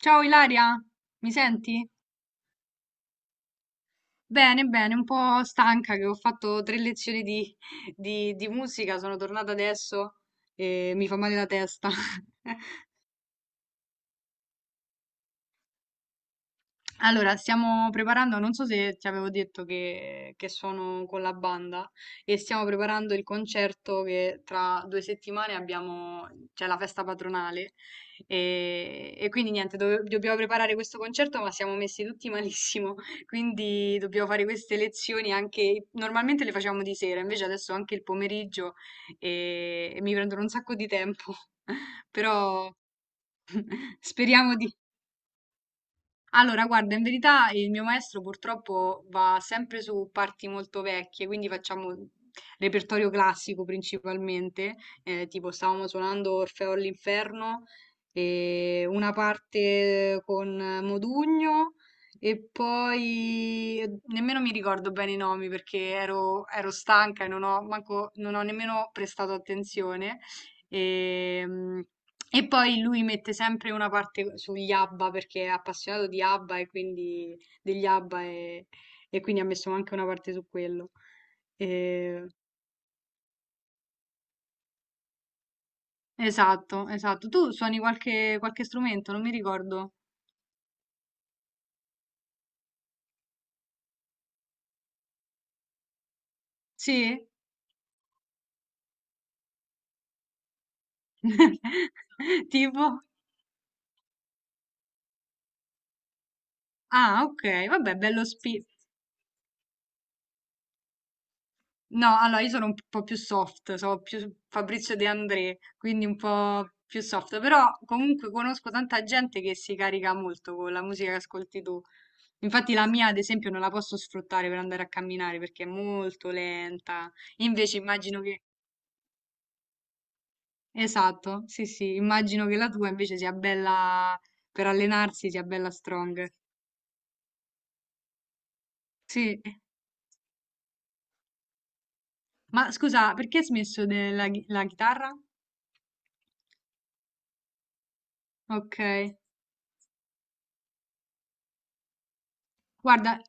Ciao Ilaria, mi senti? Bene, bene, un po' stanca che ho fatto tre lezioni di musica, sono tornata adesso e mi fa male la testa. Allora, stiamo preparando, non so se ti avevo detto che sono con la banda e stiamo preparando il concerto che tra due settimane abbiamo, c'è la festa patronale e quindi niente, dobbiamo preparare questo concerto, ma siamo messi tutti malissimo. Quindi dobbiamo fare queste lezioni anche, normalmente le facciamo di sera, invece adesso anche il pomeriggio e mi prendono un sacco di tempo, però speriamo di allora. Guarda, in verità il mio maestro purtroppo va sempre su parti molto vecchie, quindi facciamo repertorio classico principalmente, tipo stavamo suonando Orfeo all'inferno, e una parte con Modugno, e poi nemmeno mi ricordo bene i nomi perché ero stanca e non ho, non ho nemmeno prestato attenzione. Ehm, e poi lui mette sempre una parte sugli ABBA perché è appassionato di ABBA, e quindi degli ABBA, e quindi ha messo anche una parte su quello. Eh, esatto, esatto. Tu suoni qualche strumento, non mi ricordo. Sì? Tipo? Ah, ok, vabbè, bello spi. No, allora io sono un po' più soft, sono più Fabrizio De André, quindi un po' più soft, però comunque conosco tanta gente che si carica molto con la musica che ascolti tu. Infatti la mia, ad esempio, non la posso sfruttare per andare a camminare perché è molto lenta. Invece immagino che... Esatto, sì, sì, immagino che la tua invece sia bella per allenarsi, sia bella strong. Sì, ma scusa, perché hai smesso della la chitarra? Ok, guarda.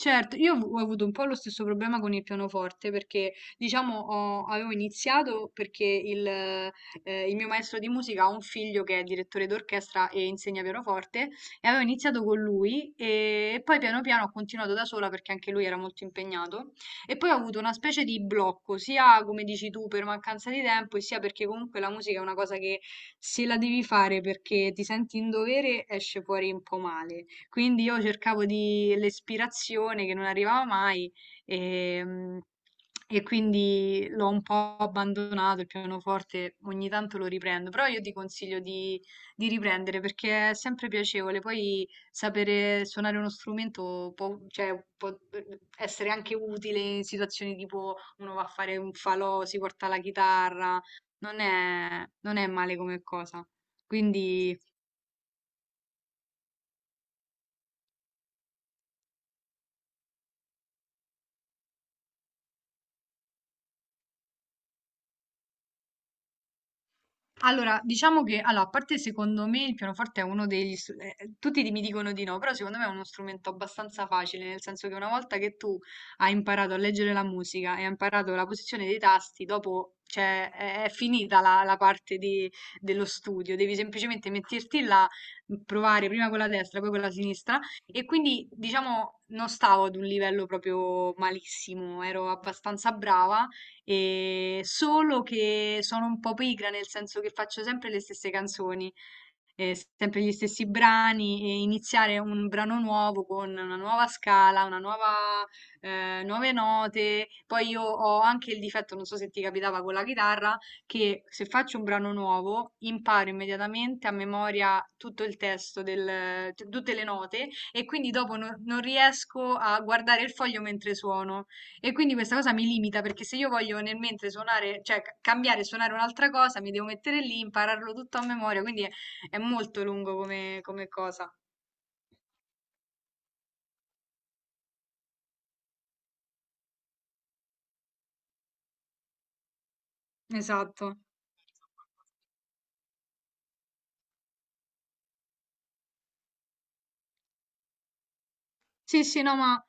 Certo, io ho avuto un po' lo stesso problema con il pianoforte perché, diciamo, ho avevo iniziato perché il mio maestro di musica ha un figlio che è direttore d'orchestra e insegna pianoforte, e avevo iniziato con lui. Poi piano piano ho continuato da sola perché anche lui era molto impegnato, e poi ho avuto una specie di blocco, sia come dici tu per mancanza di tempo e sia perché comunque la musica è una cosa che, se la devi fare perché ti senti in dovere, esce fuori un po' male. Quindi io cercavo di l'ispirazione che non arrivava mai e, e quindi l'ho un po' abbandonato il pianoforte, ogni tanto lo riprendo, però io ti consiglio di riprendere perché è sempre piacevole. Poi sapere suonare uno strumento può, cioè, può essere anche utile in situazioni tipo uno va a fare un falò, si porta la chitarra, non è male come cosa. Quindi allora, diciamo che, allora, a parte secondo me il pianoforte è uno degli... tutti mi dicono di no, però secondo me è uno strumento abbastanza facile, nel senso che una volta che tu hai imparato a leggere la musica e hai imparato la posizione dei tasti, dopo, cioè, è finita la parte dello studio, devi semplicemente metterti là, provare prima con la destra, poi con la sinistra, e quindi, diciamo, non stavo ad un livello proprio malissimo, ero abbastanza brava, e solo che sono un po' pigra, nel senso che faccio sempre le stesse canzoni, sempre gli stessi brani, e iniziare un brano nuovo con una nuova scala, una nuova, nuove note. Poi io ho anche il difetto, non so se ti capitava con la chitarra, che se faccio un brano nuovo imparo immediatamente a memoria tutto il testo, tutte le note e quindi dopo non riesco a guardare il foglio mentre suono. E quindi questa cosa mi limita perché se io voglio nel mentre suonare, cioè cambiare e suonare un'altra cosa, mi devo mettere lì, impararlo tutto a memoria, quindi è molto lungo come cosa. Esatto. Sì, sì, no, ma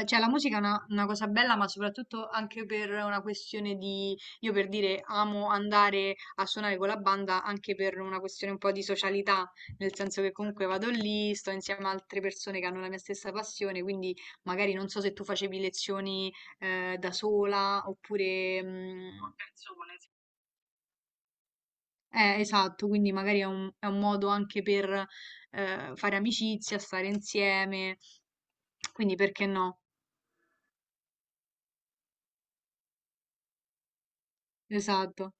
cioè, la musica è una cosa bella, ma soprattutto anche per una questione di, io per dire, amo andare a suonare con la banda anche per una questione un po' di socialità, nel senso che comunque vado lì, sto insieme a altre persone che hanno la mia stessa passione, quindi magari non so se tu facevi lezioni da sola oppure... esatto, quindi magari è è un modo anche per fare amicizia, stare insieme, quindi perché no? Esatto,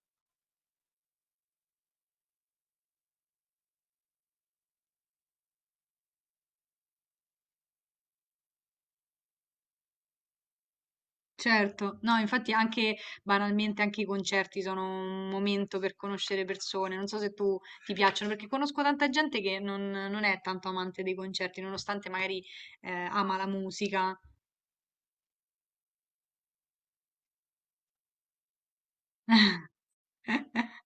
certo. No, infatti anche banalmente anche i concerti sono un momento per conoscere persone. Non so se tu ti piacciono, perché conosco tanta gente che non è tanto amante dei concerti, nonostante magari ama la musica.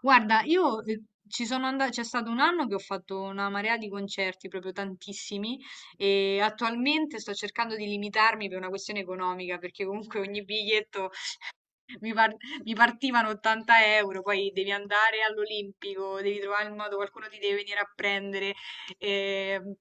Guarda, io ci sono andata, c'è stato un anno che ho fatto una marea di concerti, proprio tantissimi, e attualmente sto cercando di limitarmi per una questione economica, perché comunque ogni biglietto Mi, par- mi partivano 80€, poi devi andare all'Olimpico, devi trovare il modo, qualcuno ti deve venire a prendere. ehm,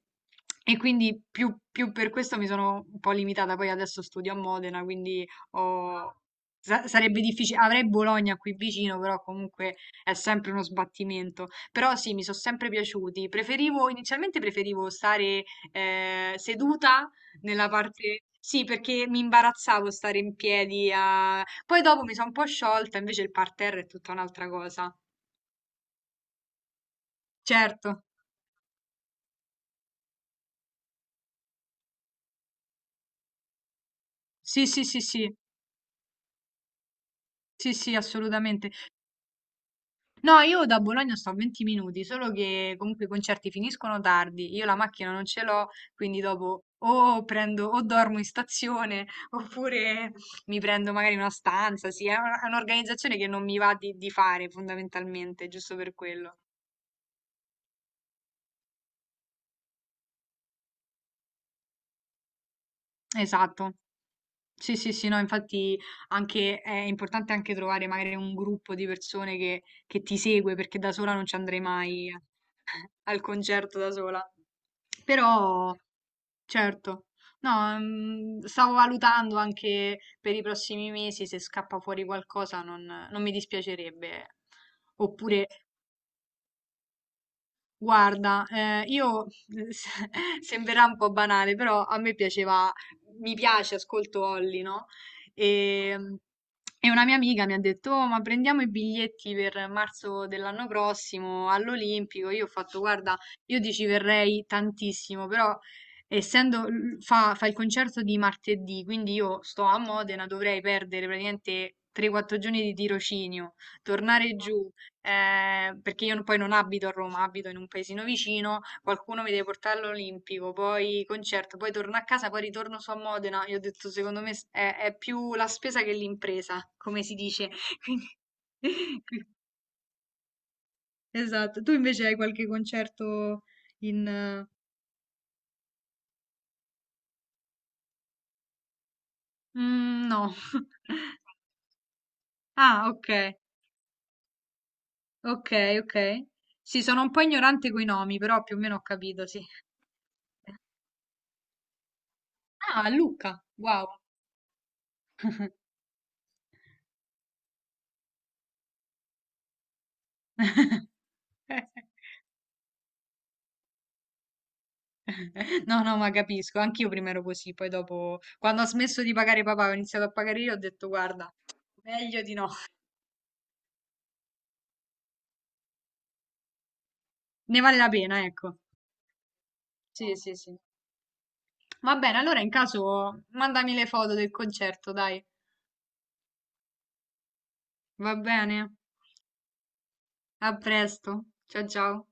E quindi più per questo mi sono un po' limitata. Poi adesso studio a Modena, quindi ho- sarebbe difficile. Avrei Bologna qui vicino, però comunque è sempre uno sbattimento. Però sì, mi sono sempre piaciuti. Preferivo, inizialmente preferivo stare seduta nella parte... Sì, perché mi imbarazzavo stare in piedi a poi dopo mi sono un po' sciolta, invece il parterre è tutta un'altra cosa. Certo, sì, sì, sì, sì, sì, sì, assolutamente. No, io da Bologna sto a 20 minuti, solo che comunque i concerti finiscono tardi, io la macchina non ce l'ho, quindi dopo o prendo o dormo in stazione oppure mi prendo magari una stanza. Sì, è è un'organizzazione che non mi va di fare fondamentalmente, giusto per quello. Esatto. Sì, sì, sì, no, infatti anche è importante anche trovare magari un gruppo di persone che ti segue, perché da sola non ci andrei mai al concerto da sola. Però, certo, no, stavo valutando anche per i prossimi mesi se scappa fuori qualcosa non mi dispiacerebbe. Oppure guarda, io se- sembrerà un po' banale, però mi piace, ascolto Holly, no? E, e una mia amica mi ha detto: "Oh, ma prendiamo i biglietti per marzo dell'anno prossimo all'Olimpico". Io ho fatto, guarda, io ti ci verrei tantissimo, però fa il concerto di martedì, quindi io sto a Modena, dovrei perdere praticamente 3-4 giorni di tirocinio, tornare giù, perché io poi non abito a Roma, abito in un paesino vicino, qualcuno mi deve portare all'Olimpico, poi concerto, poi torno a casa, poi ritorno su a Modena. Io ho detto, secondo me è più la spesa che l'impresa, come si dice. Quindi, qui- esatto. Tu invece hai qualche concerto in... no. Ah, ok, ok, ok. Sì, sono un po' ignorante coi nomi, però più o meno ho capito, sì. Ah, Luca, wow. No, no, ma capisco, anch'io prima ero così, poi dopo, quando ho smesso di pagare papà, ho iniziato a pagare io, ho detto, guarda, meglio di no, ne vale la pena, ecco. Sì, sì, sì. Va bene, allora in caso mandami le foto del concerto, dai. Va bene, a presto. Ciao, ciao.